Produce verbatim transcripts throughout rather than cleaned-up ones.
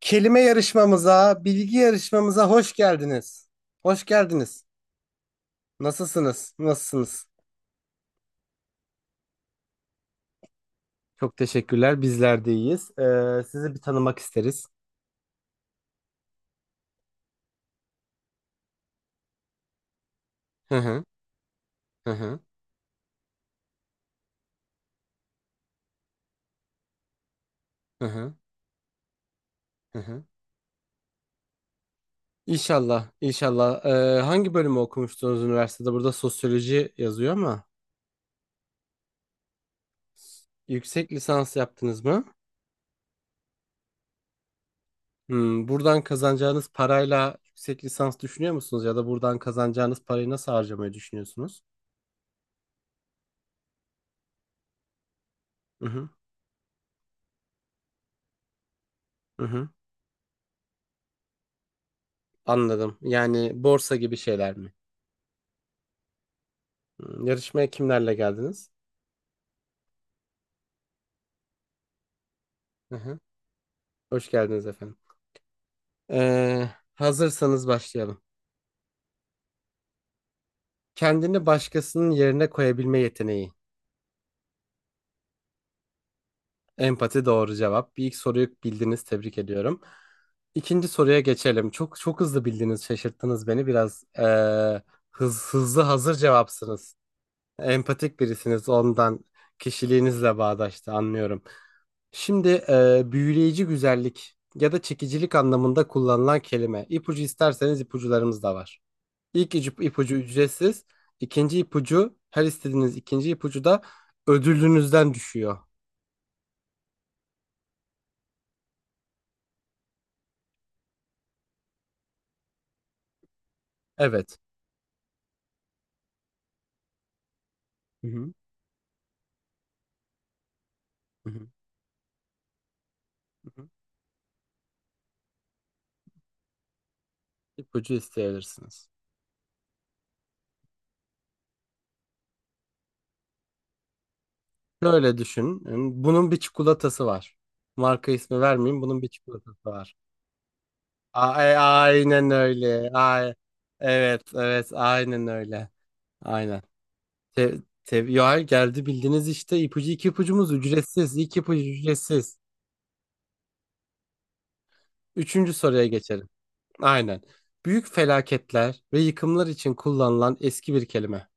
Kelime yarışmamıza, bilgi yarışmamıza hoş geldiniz. Hoş geldiniz. Nasılsınız? Nasılsınız? Çok teşekkürler. Bizler de iyiyiz. Ee, sizi bir tanımak isteriz. Hı hı, hı hı, hı hı, hı hı. İnşallah, inşallah. Ee, hangi bölümü okumuştunuz üniversitede? Burada sosyoloji yazıyor ama yüksek lisans yaptınız mı? Hmm, buradan kazanacağınız parayla yüksek lisans düşünüyor musunuz? Ya da buradan kazanacağınız parayı nasıl harcamayı düşünüyorsunuz? Hı hı, hı hı. Anladım. Yani borsa gibi şeyler mi? Hmm, Yarışmaya kimlerle geldiniz? Hı hı. Hoş geldiniz efendim. Ee, hazırsanız başlayalım. Kendini başkasının yerine koyabilme yeteneği. Empati doğru cevap. Bir ilk soruyu bildiniz. Tebrik ediyorum. İkinci soruya geçelim. Çok çok hızlı bildiniz. Şaşırttınız beni. Biraz ee, hız, hızlı hazır cevapsınız. Empatik birisiniz. Ondan kişiliğinizle bağdaştı. Anlıyorum. Şimdi e, büyüleyici güzellik ya da çekicilik anlamında kullanılan kelime. İpucu isterseniz ipucularımız da var. İlk icu- ipucu ücretsiz. İkinci ipucu her istediğiniz ikinci ipucu da ödülünüzden düşüyor. Evet. Hı hı. Hı hı. hı hı. ipucu isteyebilirsiniz. Şöyle düşünün. Bunun bir çikolatası var. Marka ismi vermeyeyim. Bunun bir çikolatası var. A- e, aynen öyle. Ay, evet, evet, aynen öyle. Aynen. Te te- ya hayır, geldi bildiniz işte ipucu iki ipucumuz ücretsiz. İki ipucu ücretsiz. Üçüncü soruya geçelim. Aynen. Büyük felaketler ve yıkımlar için kullanılan eski bir kelime.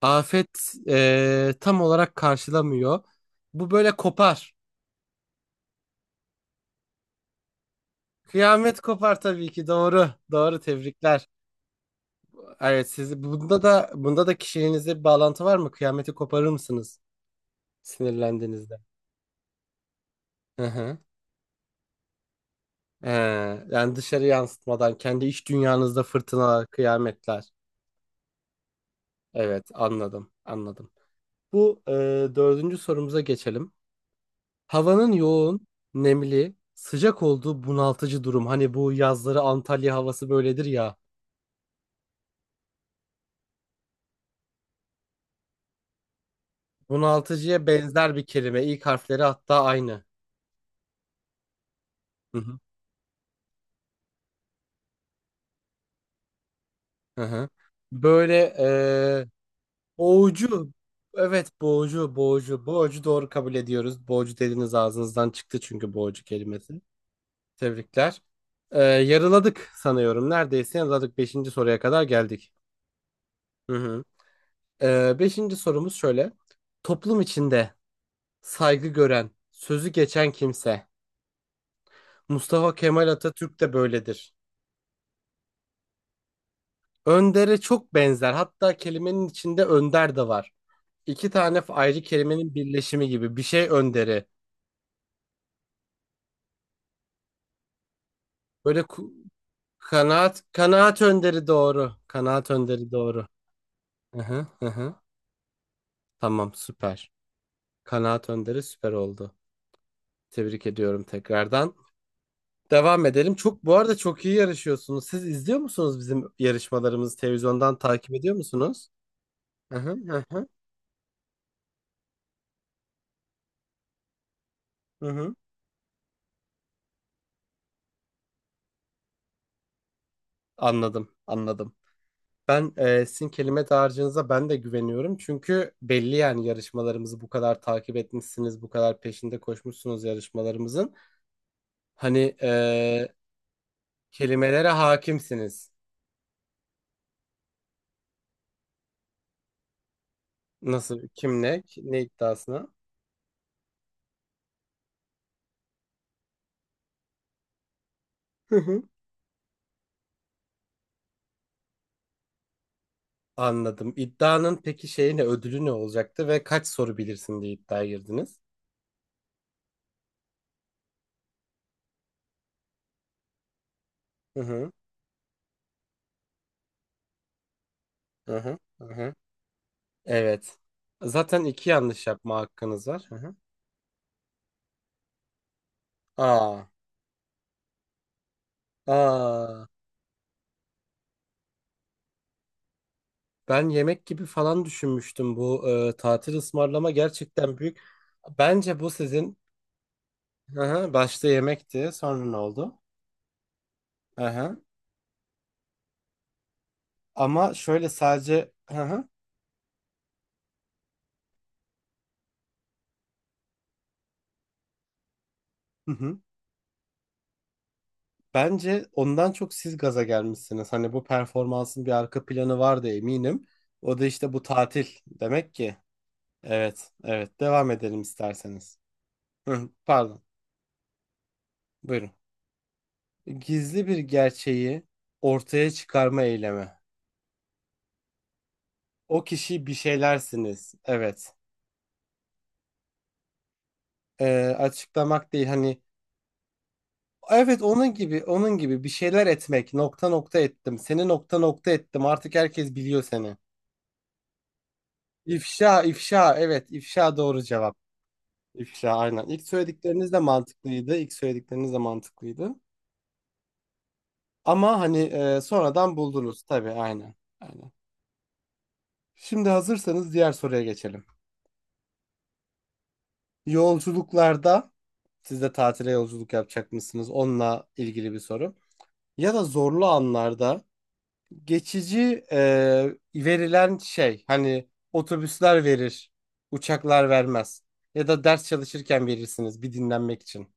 Afet eee, tam olarak karşılamıyor. Bu böyle kopar. Kıyamet kopar tabii ki doğru. Doğru tebrikler. Evet, siz bunda da bunda da kişiliğinizde bir bağlantı var mı? Kıyameti koparır mısınız sinirlendiğinizde? Hı hı. He, yani dışarı yansıtmadan kendi iç dünyanızda fırtınalar, kıyametler. Evet, anladım, anladım. Bu e, dördüncü sorumuza geçelim. Havanın yoğun, nemli, sıcak olduğu bunaltıcı durum. Hani bu yazları Antalya havası böyledir ya. Bunaltıcıya benzer bir kelime. İlk harfleri hatta aynı. Hı hı. Hı hı. Böyle e, boğucu. Evet, boğucu, boğucu. Boğucu doğru kabul ediyoruz. Boğucu dediniz ağzınızdan çıktı çünkü boğucu kelimesi. Tebrikler. Ee, yarıladık sanıyorum. Neredeyse yarıladık. Beşinci soruya kadar geldik. Hı hı. Ee, beşinci sorumuz şöyle. Toplum içinde saygı gören, sözü geçen kimse. Mustafa Kemal Atatürk de böyledir. Önder'e çok benzer. Hatta kelimenin içinde önder de var. İki tane ayrı kelimenin birleşimi gibi. Bir şey önderi. Böyle ku- kanaat, kanaat önderi doğru. Kanaat önderi doğru. Hı hı, hı hı. Tamam süper. Kanaat önderi süper oldu. Tebrik ediyorum tekrardan. Devam edelim. Çok bu arada çok iyi yarışıyorsunuz. Siz izliyor musunuz bizim yarışmalarımızı, televizyondan takip ediyor musunuz? Hı hı, hı hı, hı hı. Anladım, anladım. Ben e, sizin kelime dağarcığınıza ben de güveniyorum. Çünkü belli yani yarışmalarımızı bu kadar takip etmişsiniz, bu kadar peşinde koşmuşsunuz yarışmalarımızın. Hani e, kelimelere hakimsiniz. Nasıl, kim, ne, ne iddiasına? Anladım. İddianın peki şeyi ne, ödülü ne olacaktı ve kaç soru bilirsin diye iddiaya girdiniz? Hı hı, hı hı, hı hı. Evet. Zaten iki yanlış yapma hakkınız var. Hı hı. Aa, aa. Ben yemek gibi falan düşünmüştüm, bu e, tatil ısmarlama gerçekten büyük. Bence bu sizin, hı hı, başta yemekti. Sonra ne oldu? Hı hı. Ama şöyle sadece hı hı. Hı hı. Bence ondan çok siz gaza gelmişsiniz. Hani bu performansın bir arka planı vardı eminim. O da işte bu tatil demek ki. Evet, evet. Devam edelim isterseniz. Hı, pardon. Buyurun. Gizli bir gerçeği ortaya çıkarma eylemi. O kişi bir şeylersiniz. Evet. Ee, açıklamak değil, hani evet onun gibi, onun gibi bir şeyler etmek, nokta nokta ettim. Seni nokta nokta ettim. Artık herkes biliyor seni. İfşa, ifşa. Evet, ifşa doğru cevap. İfşa aynen. İlk söyledikleriniz de mantıklıydı. İlk söyledikleriniz de mantıklıydı. Ama hani e, sonradan buldunuz tabii. Aynen. Aynen. Şimdi hazırsanız diğer soruya geçelim. Yolculuklarda, siz de tatile yolculuk yapacak mısınız? Onunla ilgili bir soru. Ya da zorlu anlarda geçici e, verilen şey, hani otobüsler verir, uçaklar vermez. Ya da ders çalışırken verirsiniz bir dinlenmek için.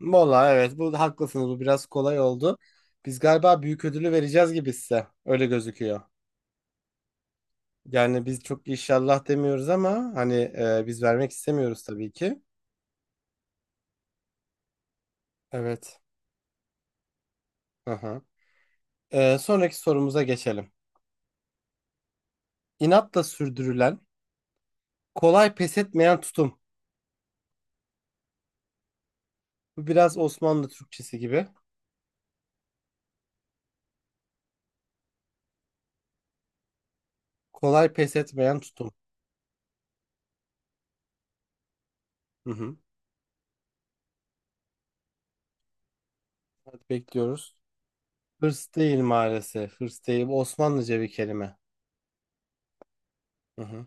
Valla evet, bu haklısınız, bu biraz kolay oldu. Biz galiba büyük ödülü vereceğiz gibi size öyle gözüküyor. Yani biz çok inşallah demiyoruz ama hani e, biz vermek istemiyoruz tabii ki. Evet. Aha. E, sonraki sorumuza geçelim. İnatla sürdürülen, kolay pes etmeyen tutum. Bu biraz Osmanlı Türkçesi gibi. Kolay pes etmeyen tutum. Hı hı. Hadi bekliyoruz. Hırs değil maalesef. Hırs değil. Bu Osmanlıca bir kelime. Hı hı.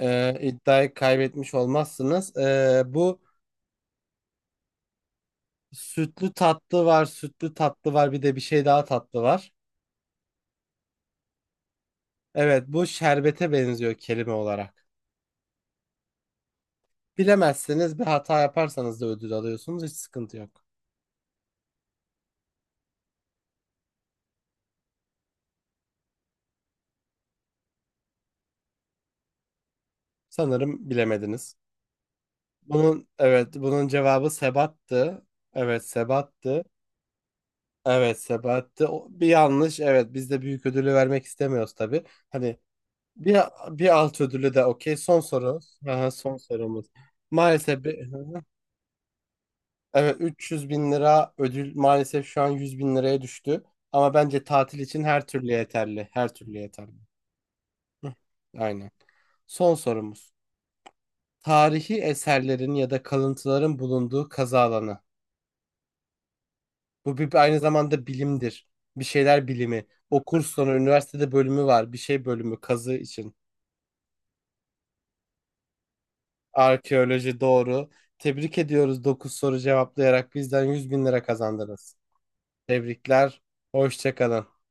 Ee, iddiayı kaybetmiş olmazsınız. Ee, bu sütlü tatlı var, sütlü tatlı var, bir de bir şey daha tatlı var. Evet, bu şerbete benziyor kelime olarak. Bilemezseniz bir hata yaparsanız da ödül alıyorsunuz, hiç sıkıntı yok. Sanırım bilemediniz. Bunun evet, bunun cevabı sebattı. Evet, sebattı. Evet, sebattı. O- Bir yanlış. Evet, biz de büyük ödülü vermek istemiyoruz tabii. Hani bir bir alt ödülü de okey. Son soru. Aha, son sorumuz. Maalesef Evet, üç yüz bin lira ödül maalesef şu an yüz bin liraya düştü. Ama bence tatil için her türlü yeterli. Her türlü yeterli. Hı, aynen. Son sorumuz. Tarihi eserlerin ya da kalıntıların bulunduğu kazı alanı. Bu bir, aynı zamanda bilimdir. Bir şeyler bilimi. O kurs sonu üniversitede bölümü var. Bir şey bölümü kazı için. Arkeoloji doğru. Tebrik ediyoruz, dokuz soru cevaplayarak bizden yüz bin lira kazandınız. Tebrikler. Hoşça kalın.